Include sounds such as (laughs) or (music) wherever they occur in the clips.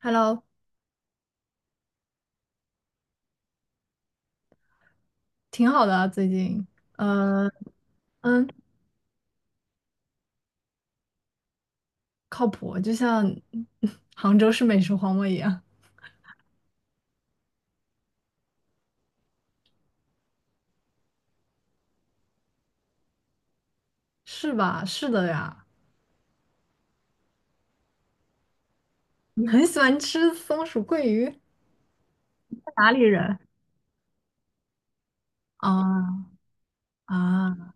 Hello，挺好的啊，最近，呃，嗯，靠谱，就像 (laughs) 杭州是美食荒漠一样，是吧？是的呀，你很喜欢吃松鼠桂鱼，哪里人？啊啊，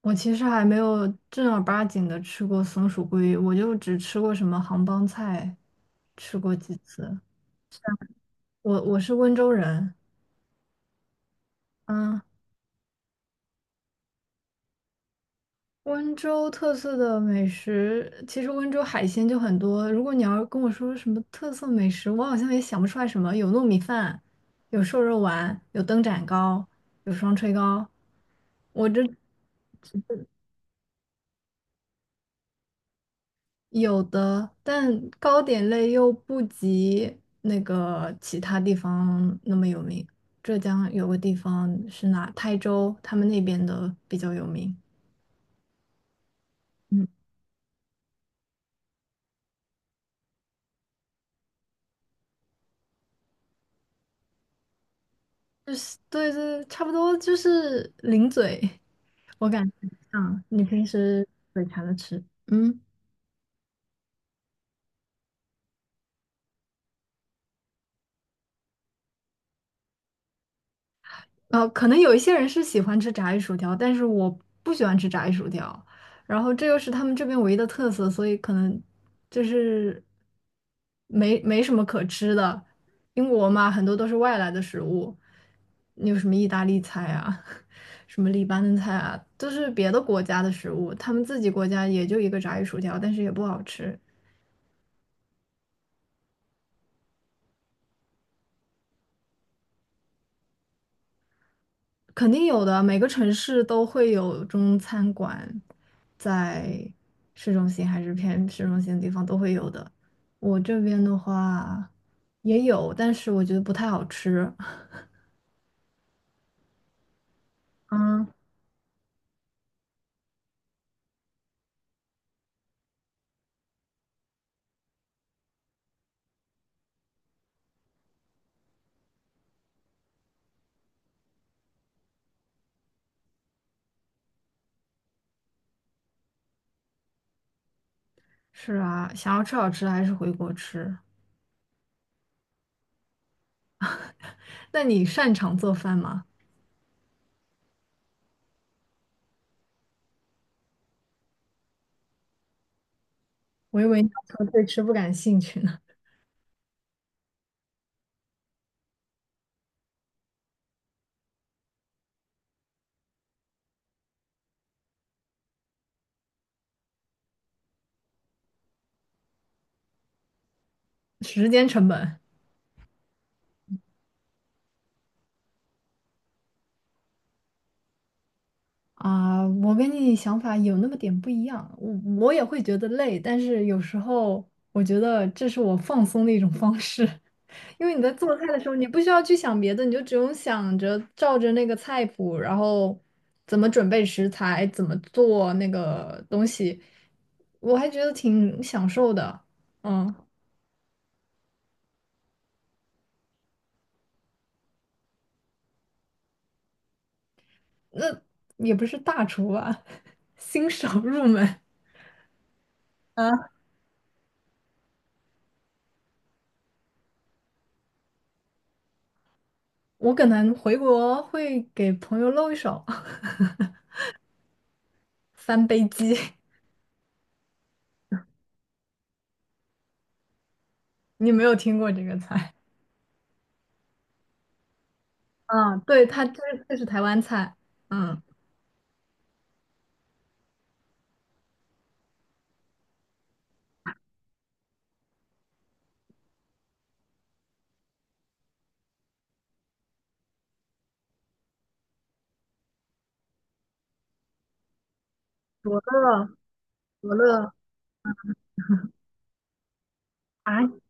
我其实还没有正儿八经的吃过松鼠桂鱼，我就只吃过什么杭帮菜，吃过几次。我是温州人，嗯，温州特色的美食，其实温州海鲜就很多。如果你要跟我说什么特色美食，我好像也想不出来什么。有糯米饭，有瘦肉丸，有灯盏糕，有双炊糕，我这有的，但糕点类又不及那个其他地方那么有名。浙江有个地方是哪？台州，他们那边的比较有名。嗯，就是对对，差不多就是零嘴。我感觉像你平时嘴馋的吃，嗯，可能有一些人是喜欢吃炸鱼薯条，但是我不喜欢吃炸鱼薯条，然后这又是他们这边唯一的特色，所以可能就是没什么可吃的。英国嘛，很多都是外来的食物，你有什么意大利菜啊，(laughs) 什么黎巴嫩菜啊，都是别的国家的食物，他们自己国家也就一个炸鱼薯条，但是也不好吃。肯定有的，每个城市都会有中餐馆，在市中心还是偏市中心的地方都会有的。我这边的话也有，但是我觉得不太好吃。(laughs) 嗯，是啊，想要吃好吃的还是回国吃。那你擅长做饭吗？我以为你要说对吃不感兴趣呢，时间成本。啊，我跟你想法有那么点不一样，我也会觉得累，但是有时候我觉得这是我放松的一种方式。因为你在做菜的时候，你不需要去想别的，你就只用想着照着那个菜谱，然后怎么准备食材，怎么做那个东西，我还觉得挺享受的。嗯，那也不是大厨吧，(laughs) 新手入门，我可能回国会给朋友露一手，(laughs) 三杯鸡，你没有听过这个菜？(laughs) 啊，对，它这这是台湾菜。嗯，罗乐罗乐啊，(laughs)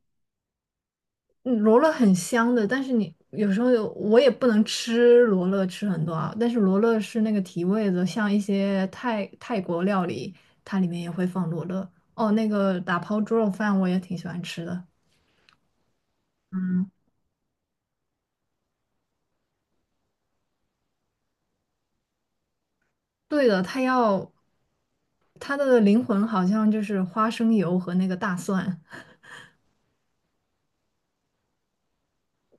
嗯罗勒很香的，但是你有时候有我也不能吃罗勒吃很多啊，但是罗勒是那个提味的，像一些泰国料理，它里面也会放罗勒。哦，那个打抛猪肉饭我也挺喜欢吃的。嗯，对的，它要它的灵魂好像就是花生油和那个大蒜，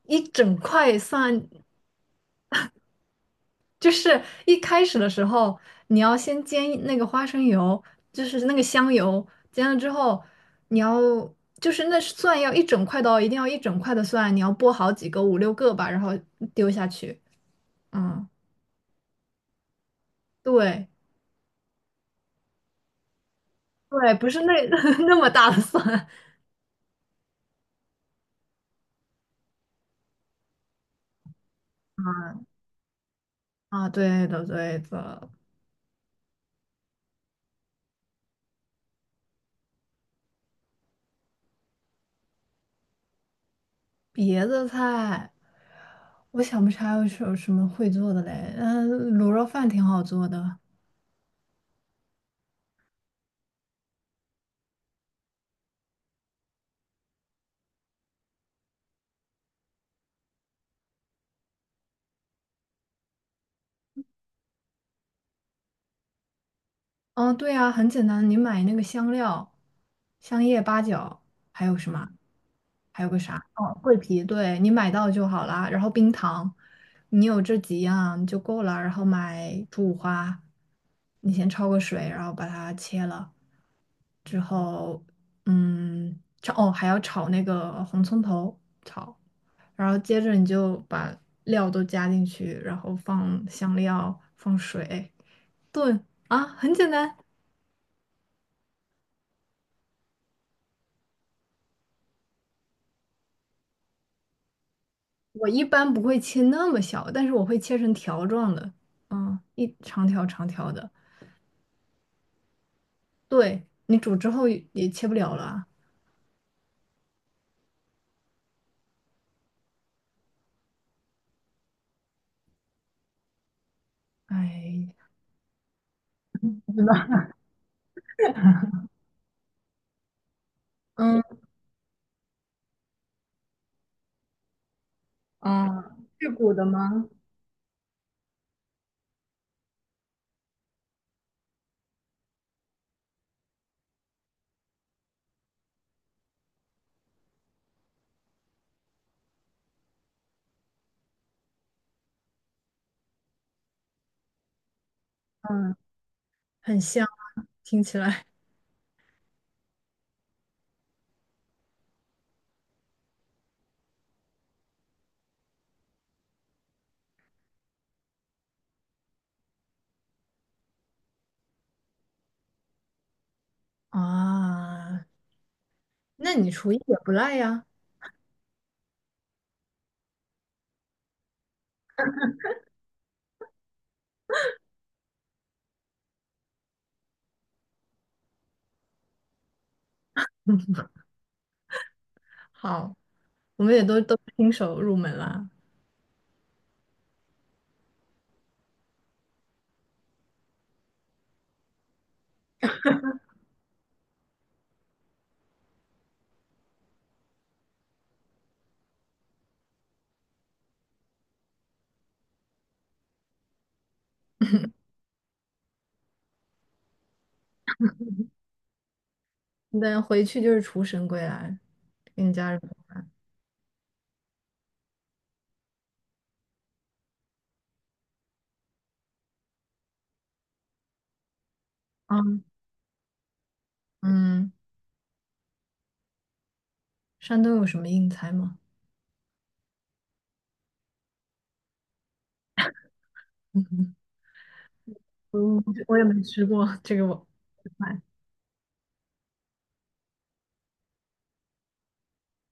一整块蒜就是一开始的时候，你要先煎那个花生油，就是那个香油，煎了之后，你要就是那蒜要一整块的哦，一定要一整块的蒜，你要剥好几个，五六个吧，然后丢下去。嗯，对对，不是那 (laughs) 那么大的蒜啊，对的对的。别的菜，我想不起来有什么会做的嘞。嗯，卤肉饭挺好做的。嗯，对呀，很简单，你买那个香料，香叶、八角，还有什么？还有个啥？哦，桂皮，对，你买到就好啦。然后冰糖，你有这几样就够了。然后买猪五花，你先焯个水，然后把它切了之后，嗯，炒，哦，还要炒那个红葱头，炒。然后接着你就把料都加进去，然后放香料，放水，炖啊，很简单。我一般不会切那么小，但是我会切成条状的，嗯，一长条长条的。对，你煮之后也也切不了了啊。哎 (laughs)，不知道。(laughs) 嗯啊，是骨的吗？嗯，很香，听起来啊。那你厨艺也不赖呀。好，我们也都新手入门啦，那回去就是厨神归来，给你家人。啊，嗯，山东有什么硬菜吗？嗯，我也没吃过这个我。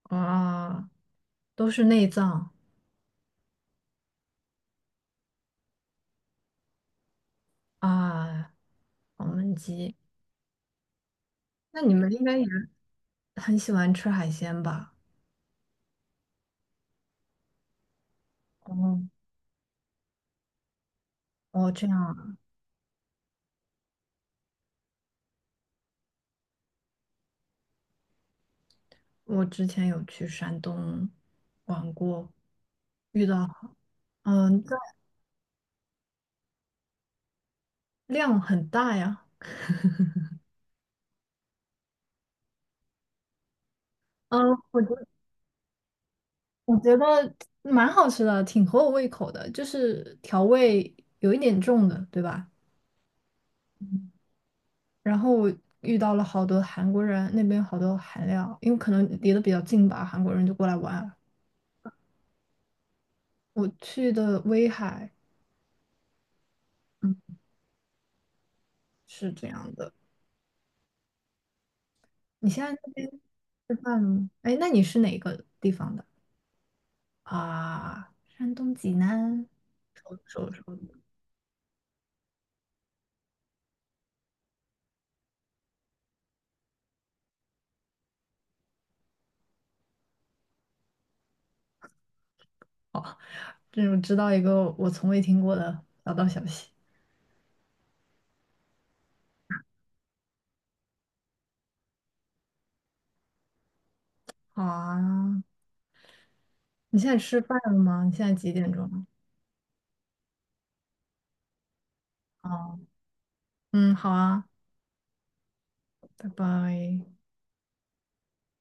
啊，都是内脏啊，黄焖鸡。那你们应该也很喜欢吃海鲜吧？哦，哦，这样啊，我之前有去山东玩过，嗯，但量很大呀。嗯，我觉得我觉得蛮好吃的，挺合我胃口的，就是调味有一点重的，对吧？然后我遇到了好多韩国人，那边好多韩料，因为可能离得比较近吧，韩国人就过来玩啊。我去的威海。嗯。是这样的。你现在那边吃饭了吗？哎，那你是哪个地方的啊？山东济南，熟熟熟，这我知道一个我从未听过的小道消息 (laughs)。好啊，你现在吃饭了吗？你现在几点钟了？哦，嗯，好啊，拜拜。